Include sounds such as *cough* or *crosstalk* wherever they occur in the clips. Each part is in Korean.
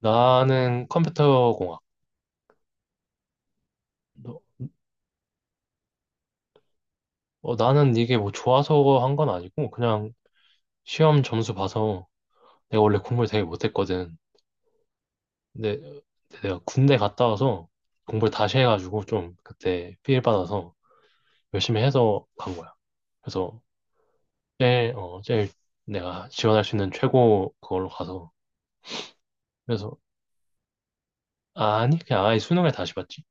나는 컴퓨터공학. 너- 나는 이게 뭐 좋아서 한 건 아니고, 그냥 시험 점수 봐서 내가 원래 공부를 되게 못했거든. 근데 내가 군대 갔다 와서 공부를 다시 해가지고 좀 그때 필 받아서 열심히 해서 간 거야. 그래서 제일 내가 지원할 수 있는 최고 그걸로 가서. 그래서, 아니, 그냥 아예 수능을 다시 봤지.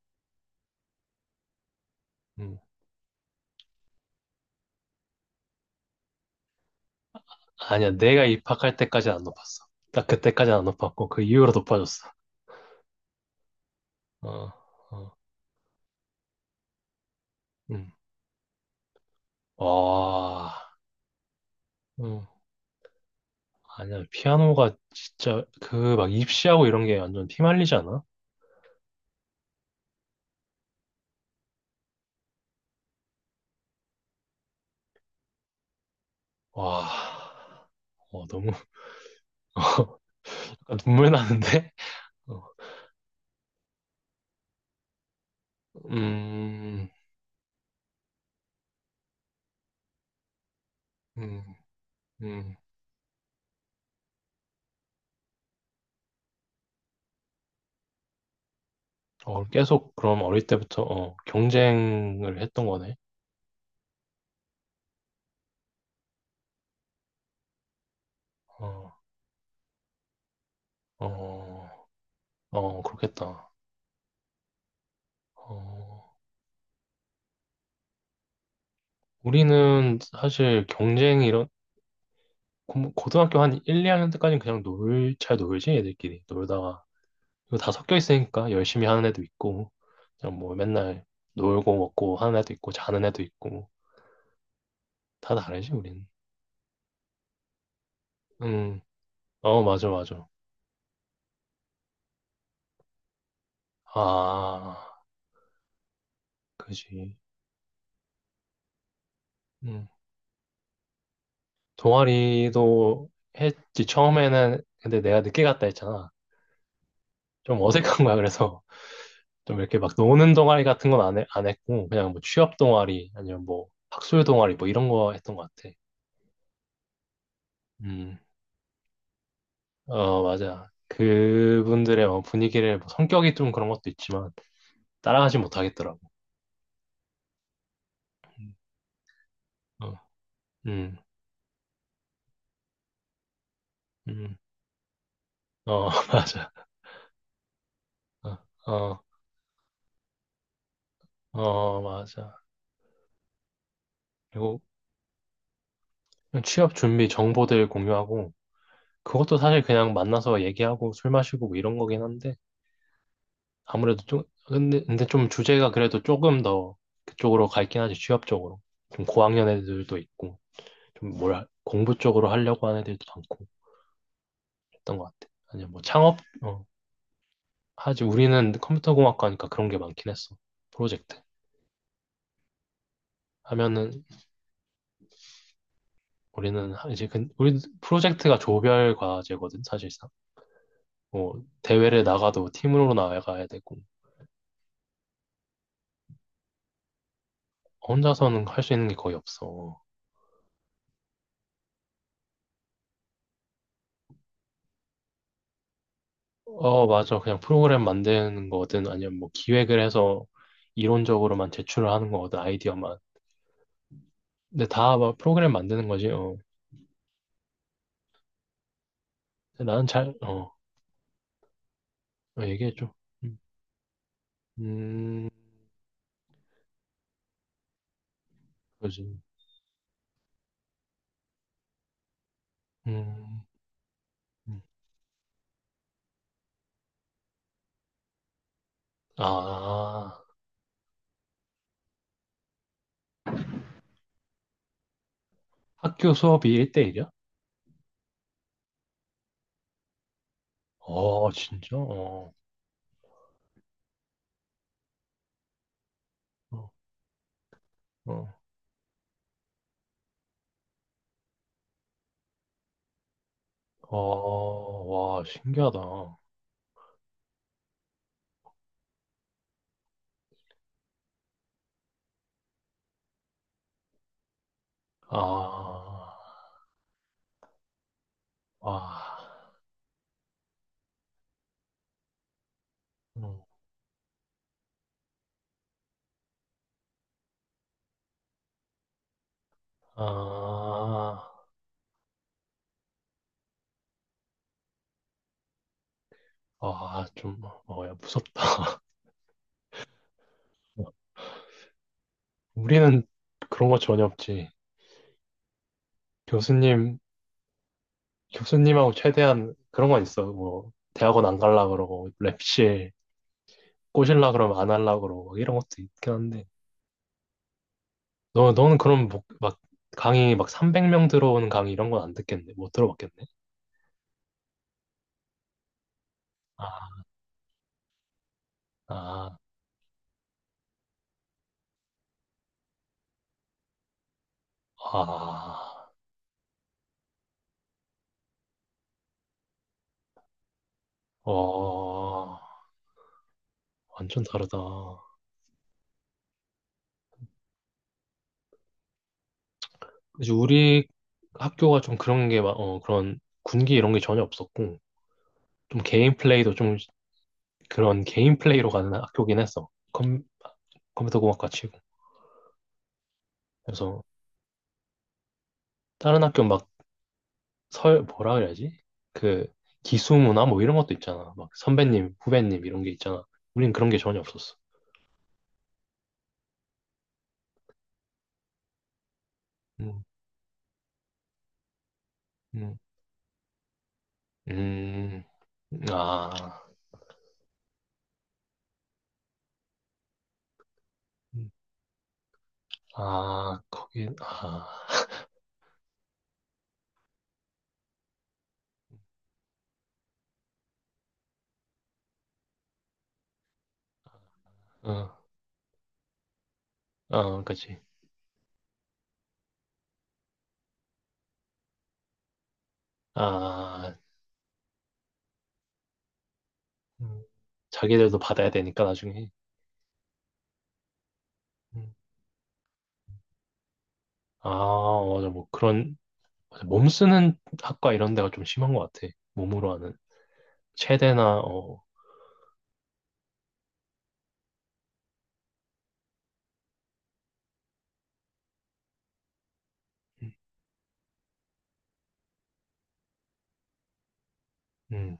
음, 아니야, 내가 입학할 때까지는 안 높았어. 딱 그때까지는 안 높았고, 그 이후로 높아졌어. 어, 어, 음. 와, 음, 아니야. 피아노가 진짜 그 막 입시하고 이런 게 완전 피말리지 않아? 와, 어, 너무 *laughs* 약간 눈물 나는데? 어, 음, 음, 음. 계속 그럼 어릴 때부터 경쟁을 했던 거네. 어, 어, 어, 그렇겠다. 어, 우리는 사실 경쟁 이런 고등학교 한 1, 2학년 때까지는 그냥 잘 놀지, 애들끼리. 놀다가 이거 다 섞여 있으니까 열심히 하는 애도 있고, 그냥 뭐 맨날 놀고 먹고 하는 애도 있고, 자는 애도 있고, 다 다르지, 우린. 음, 어, 맞아, 맞아. 아, 그지. 음, 동아리도 했지, 처음에는. 근데 내가 늦게 갔다 했잖아. 좀 어색한 거야, 그래서. 좀 이렇게 막 노는 동아리 같은 건 안 해, 안 했고, 그냥 뭐 취업 동아리, 아니면 뭐 학술 동아리, 뭐 이런 거 했던 것 같아. 음. 어, 맞아. 그분들의 뭐 분위기를, 뭐 성격이 좀 그런 것도 있지만, 따라가지 못하겠더라고. 응, 어, 음, 음, 어, *laughs* 맞아. 어, 어, 어, 맞아. 그리고 취업 준비 정보들 공유하고, 그것도 사실 그냥 만나서 얘기하고 술 마시고 뭐 이런 거긴 한데, 아무래도 좀, 근데 좀 주제가 그래도 조금 더 그쪽으로 갈긴 하지, 취업 쪽으로. 좀 고학년 애들도 있고, 좀 공부 쪽으로 하려고 하는 애들도 많고, 했던 것 같아. 아니면 뭐 창업, 어, 하지 우리는 컴퓨터공학과니까 그런 게 많긴 했어. 프로젝트. 하면은 우리는 이제 우리 프로젝트가 조별 과제거든, 사실상. 뭐 대회를 나가도 팀으로 나가야 되고 혼자서는 할 수 있는 게 거의 없어. 어, 맞아, 그냥 프로그램 만드는 거든 아니면 뭐 기획을 해서 이론적으로만 제출을 하는 거거든, 아이디어만. 근데 다막 프로그램 만드는 거지. 어. 근데 나는 잘어 얘기해줘. 음, 음, 그지. 음, 음. 아. 학교 수업이 1대1이야? 어, 진짜? 어, 어, 어, 어, 와, 신기하다. 아, 와, 어, 아, 아, 좀, 어, 야, 무섭다. *laughs* 우리는 그런 거 전혀 없지. 교수님, 교수님하고 최대한 그런 건 있어. 뭐, 대학원 안 갈라 그러고, 랩실 꼬실라 그러면 안 할라 그러고, 막 이런 것도 있긴 한데. 너는 그럼 뭐, 막, 강의 막 300명 들어오는 강의 이런 건 안 듣겠네. 못 들어봤겠네. 아. 아, 아, 어, 완전 다르다. 그치, 우리 학교가 좀 그런 게, 그런 군기 이런 게 전혀 없었고, 좀 개인 플레이도 좀 그런 개인 플레이로 가는 학교긴 했어. 컴퓨터 공학과 치고. 그래서 다른 학교 막 뭐라 그래야지? 그 기수문화 뭐 이런 것도 있잖아. 막 선배님, 후배님 이런 게 있잖아. 우린 그런 게 전혀 없었어. 음, 음, 음, 아, 음, 아, 거기, 아, 어. 아, 그치. 아, 음, 자기들도 받아야 되니까 나중에. 음. 아, 맞아. 뭐 그런 맞아. 몸 쓰는 학과 이런 데가 좀 심한 것 같아. 몸으로 하는 체대나 어, 음, 음.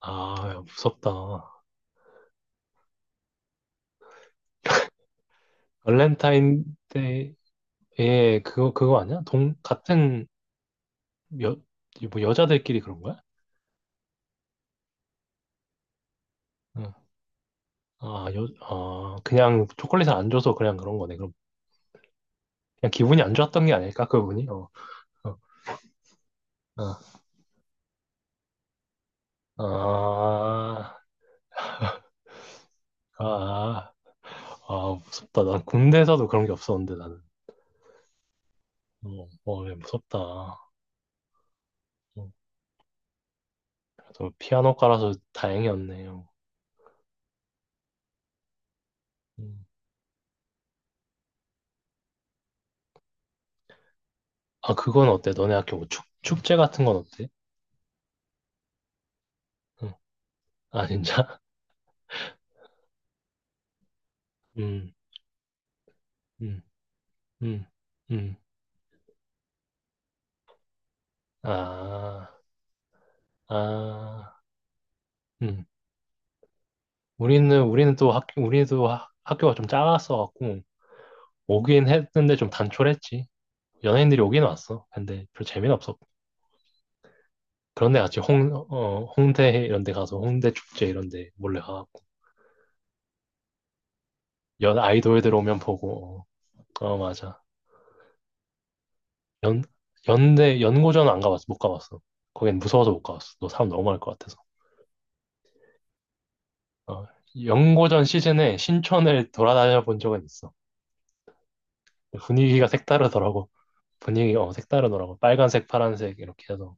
아, 야, 무섭다. 발렌타인 데에 그거 그거 아니야? 동 같은 여, 뭐 여자들끼리 그런 거야? 응. 아, 아, 그냥 초콜릿을 안 줘서 그냥 그런 거네. 그럼 그냥 기분이 안 좋았던 게 아닐까 그분이? 어, 어, 어. 아, 아, 아, 무섭다. 난 군대에서도 그런 게 없었는데, 나는. 어, 어, 예, 무섭다. 어, 그래도 피아노과라서 다행이었네요. 음. 아, 그건 어때? 너네 학교 뭐 축제 같은 건 어때? 응. 아, 진짜? *laughs* 음, 음, 음, 음. 아, 아, 음. 우리는 또 학교가 좀 작았어갖고, 오긴 했는데 좀 단촐했지. 연예인들이 오긴 왔어. 근데 별로 재미는 없었고. 그런데 같이 홍대 이런 데 가서 홍대 축제 이런 데 몰래 가. 연 아이돌들 오면 보고. 어, 어, 맞아. 연, 연대, 연고전 안 가봤어. 못 가봤어. 거긴 무서워서 못 가봤어. 너 사람 너무 많을 것 같아서. 어, 연고전 시즌에 신촌을 돌아다녀 본 적은 있어. 분위기가 색다르더라고. 색다르더라고. 빨간색, 파란색, 이렇게 해서.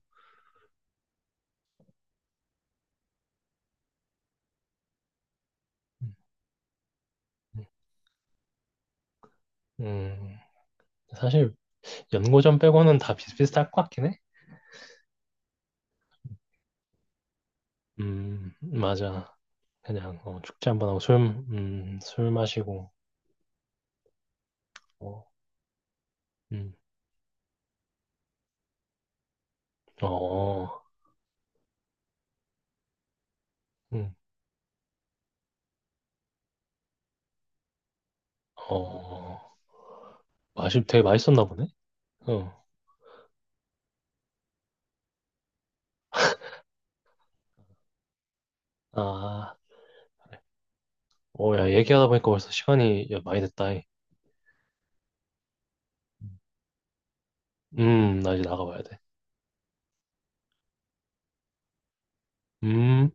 음, 음, 음. 사실, 연고전 빼고는 다 비슷비슷할 것 같긴 해. 맞아. 그냥, 축제 한번 하고 술 마시고, 어, 음, 어, 음, 어. 맛이 되게 맛있었나 보네? 어. 아, 오, 야, 얘기하다 보니까 벌써 시간이 야, 많이 됐다. 이. 나 이제 나가봐야 돼. 음.